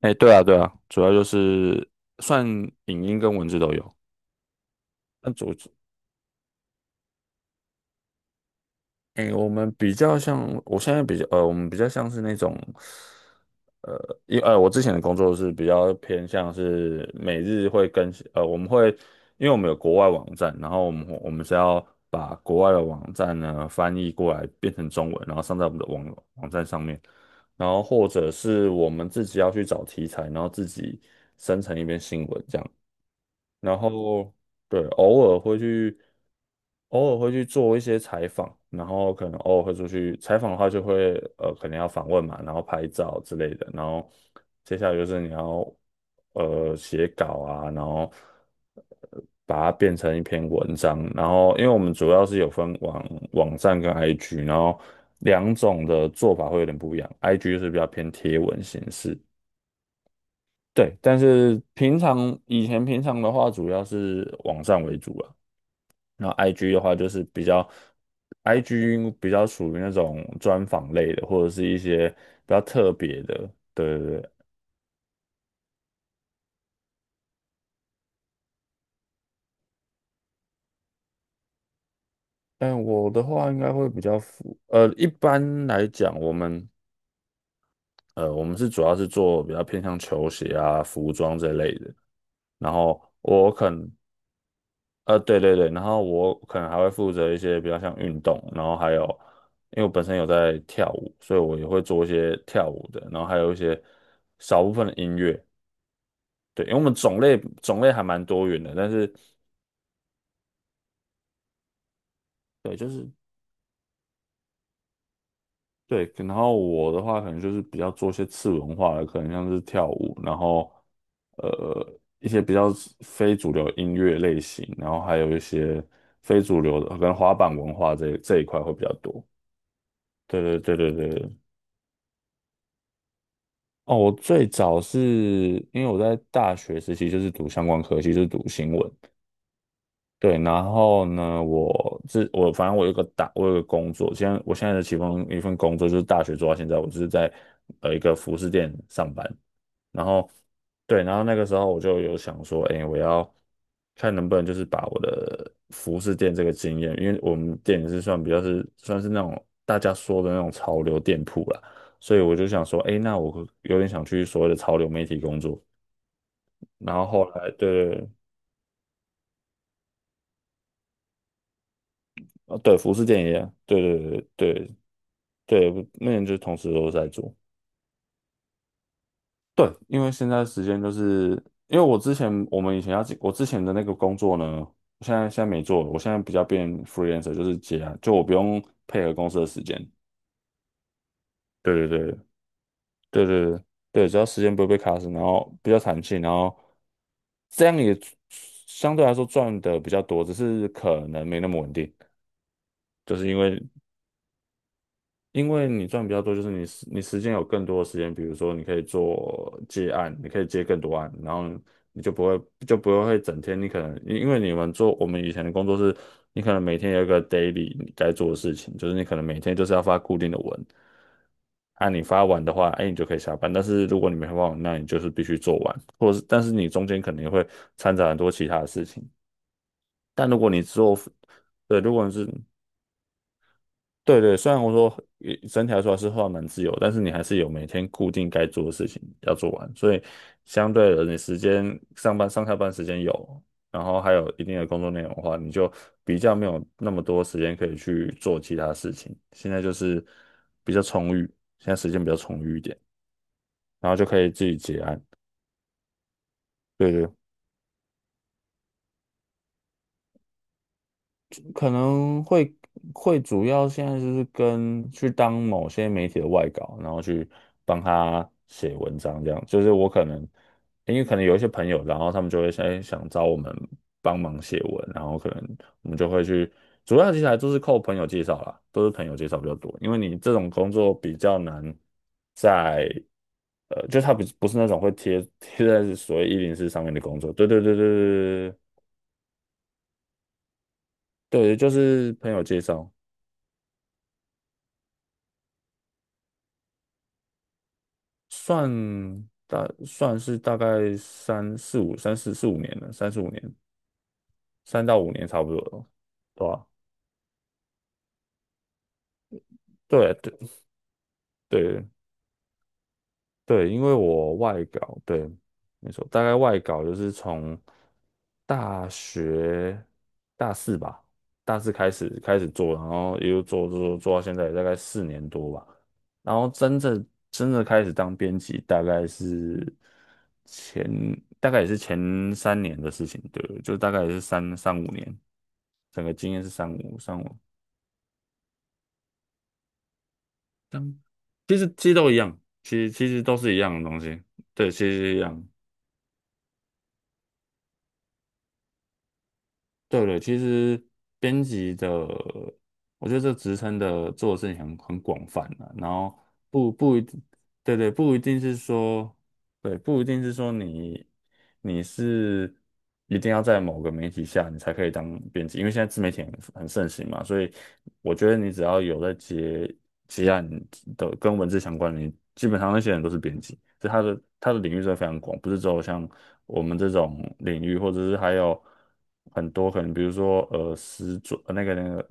哎，对啊，对啊，主要就是算影音跟文字都有。那主，哎，我们比较像是那种，呃，我之前的工作是比较偏向是每日会更新，我们会，因为我们有国外网站，然后我们是要把国外的网站呢翻译过来变成中文，然后上在我们的网站上面，然后或者是我们自己要去找题材，然后自己生成一篇新闻这样。然后对，偶尔会去做一些采访，然后可能偶尔会出去采访的话，就会可能要访问嘛，然后拍照之类的，然后接下来就是你要写稿啊，然后呃把它变成一篇文章，然后因为我们主要是有分网站跟 IG，然后两种的做法会有点不一样，IG 就是比较偏贴文形式，对，但是以前平常的话，主要是网站为主了。然后 IG 的话，就是比较 IG 比较属于那种专访类的，或者是一些比较特别的。对对对。但我的话应该会比较符，呃，一般来讲，我们是主要是做比较偏向球鞋啊、服装这类的。然后我可能对对对，然后我可能还会负责一些比较像运动，然后还有，因为我本身有在跳舞，所以我也会做一些跳舞的，然后还有一些少部分的音乐，对，因为我们种类还蛮多元的，但是对，就是对，然后我的话可能就是比较做一些次文化的，可能像是跳舞，然后一些比较非主流音乐类型，然后还有一些非主流的，跟能滑板文化这一块会比较多，对对对对对。哦，我最早是因为我在大学时期就是读相关科系，就是读新闻。对，然后呢，我反正我有个工作，我现在的其中一份工作就是大学做到现在，我就是在一个服饰店上班。然后对，然后那个时候我就有想说，哎，我要看能不能就是把我的服饰店这个经验，因为我们店也是算比较是算是那种大家说的那种潮流店铺啦，所以我就想说，哎，那我有点想去所谓的潮流媒体工作。然后后来，对对对，哦对，服饰店也一样对对对对对，那年就同时都在做。对，因为现在时间就是，因为我们以前要进我之前的那个工作呢，我现在没做了，我现在比较变 freelancer，就是接啊，就我不用配合公司的时间。对对对对对对对，只要时间不会被卡死，然后比较弹性，然后这样也相对来说赚的比较多，只是可能没那么稳定，就是因为你赚比较多，就是你时间有更多的时间，比如说你可以做接案，你可以接更多案，然后你就不会整天，你可能因为你们做我们以前的工作是，你可能每天有一个 daily 你该做的事情，就是你可能每天就是要发固定的文，啊，你发完的话，哎，你就可以下班。但是如果你没发完，那你就是必须做完，或者是但是你中间可能会掺杂很多其他的事情。但如果你做，对，如果你是对对，虽然我说也整体来说还是画蛮自由，但是你还是有每天固定该做的事情要做完，所以相对的，你时间上班上下班时间有，然后还有一定的工作内容的话，你就比较没有那么多时间可以去做其他事情。现在就是比较充裕，现在时间比较充裕一点，然后就可以自己结案。对对，可能会主要现在就是跟去当某些媒体的外稿，然后去帮他写文章这样。就是我可能因为可能有一些朋友，然后他们就会想哎想找我们帮忙写文，然后可能我们就会去。主要其实还都是靠朋友介绍啦，都是朋友介绍比较多，因为你这种工作比较难在。呃，就他不是那种会贴在所谓一零四上面的工作，对对对对对对，对，就是朋友介绍。算大算是大概三四五三四四五年了，三四五年，三到五年差不多了，对吧、对对对，对，因为我外稿，对，没错，大概外稿就是从大学大四吧，大四开始开始做，然后一路做到现在，大概四年多吧。然后真正开始当编辑，大概是前大概也是前三年的事情，对，就大概也是三五年，整个经验是三五三五，其实都一样，其实都是一样的东西，对，其实一样。对对，其实编辑的，我觉得这职称的做的事情很广泛了，然后不一定，对对，不一定是说对，不一定是说你是一定要在某个媒体下你才可以当编辑，因为现在自媒体很盛行嘛，所以我觉得你只要有在接案的跟文字相关的，你基本上那些人都是编辑，就他的领域是非常广，不是只有像我们这种领域，或者是还有很多可能，比如说时装那个，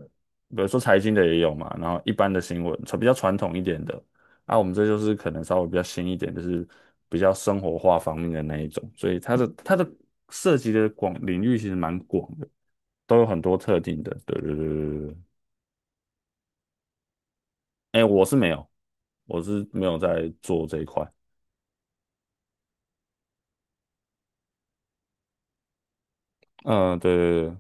比如说财经的也有嘛，然后一般的新闻，比较传统一点的。啊，我们这就是可能稍微比较新一点，就是比较生活化方面的那一种，所以它的涉及的广领域其实蛮广的，都有很多特定的。对对对对对，哎，我是没有，我是没有在做这一块。嗯，对对对，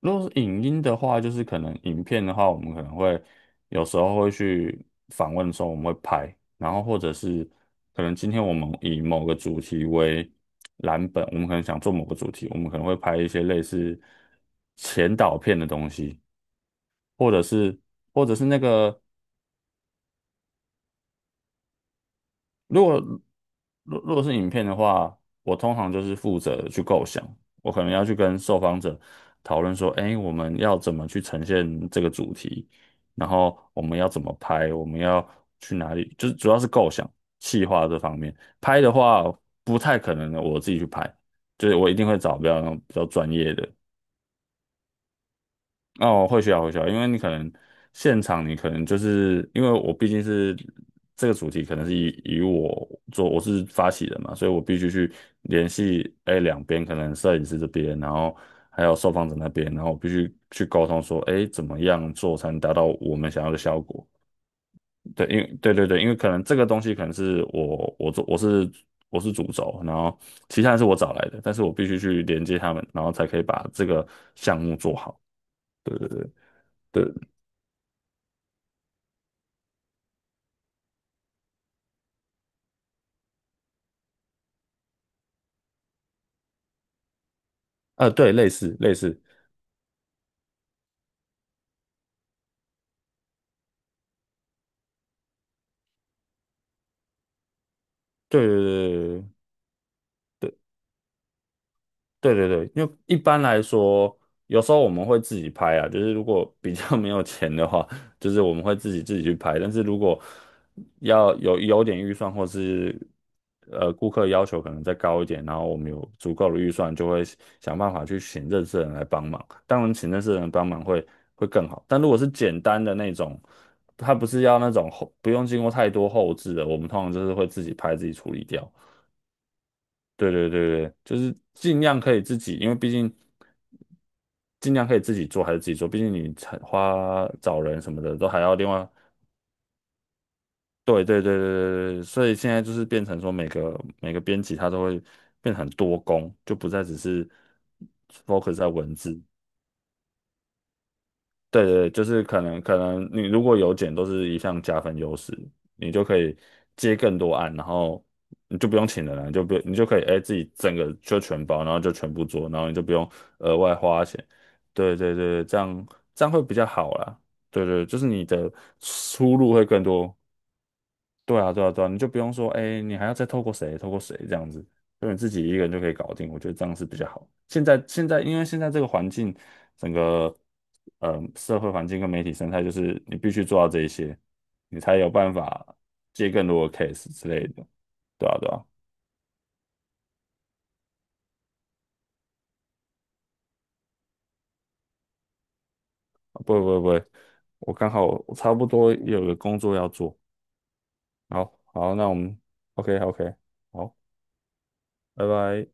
如果是影音的话，就是可能影片的话，我们可能会有时候会去访问的时候，我们会拍，然后或者是可能今天我们以某个主题为蓝本，我们可能想做某个主题，我们可能会拍一些类似前导片的东西，或者是或者是那个如果如如果是影片的话，我通常就是负责去构想，我可能要去跟受访者讨论说，哎，我们要怎么去呈现这个主题，然后我们要怎么拍，我们要去哪里，就是主要是构想、企划这方面。拍的话，不太可能我自己去拍，就是我一定会找比较专业的。哦，会需要会需要，因为你可能现场你可能就是因为我毕竟是这个主题，可能是以我是发起人嘛，所以我必须去联系哎两边，可能摄影师这边，然后还有受访者那边，然后我必须去沟通说，哎，怎么样做才能达到我们想要的效果？对，因为对对对，因为可能这个东西可能是我是主轴，然后其他人是我找来的，但是我必须去连接他们，然后才可以把这个项目做好。对对对。对对，类似类似，对对对对对对对，因为一般来说，有时候我们会自己拍啊，就是如果比较没有钱的话，就是我们会自己去拍，但是如果要有点预算，或是顾客要求可能再高一点，然后我们有足够的预算，就会想办法去请认识的人来帮忙。当然，请认识的人帮忙会更好，但如果是简单的那种。它不是要那种后，不用经过太多后置的，我们通常就是会自己拍自己处理掉。对对对对，就是尽量可以自己，因为尽量可以自己做还是自己做，毕竟你才花找人什么的都还要另外。对对对对对对，所以现在就是变成说每个编辑他都会变得很多工，就不再只是 focus 在文字。对对对就是可能你如果有减都是一项加分优势，你就可以接更多案，然后你就不用请人了，你就不你就可以哎自己整个就全包，然后就全部做，然后你就不用额外花钱。对对对，这样会比较好啦。对对，就是你的出路会更多。对啊，对啊，对啊，你就不用说，哎，你还要再透过谁，透过谁这样子，就你自己一个人就可以搞定。我觉得这样是比较好。现在现在，因为现在这个环境，整个社会环境跟媒体生态，就是你必须做到这一些，你才有办法接更多的 case 之类的。对啊，对啊，啊不会不会不会，我刚好我差不多也有个工作要做。好，好，那我们 OK OK，好，拜拜。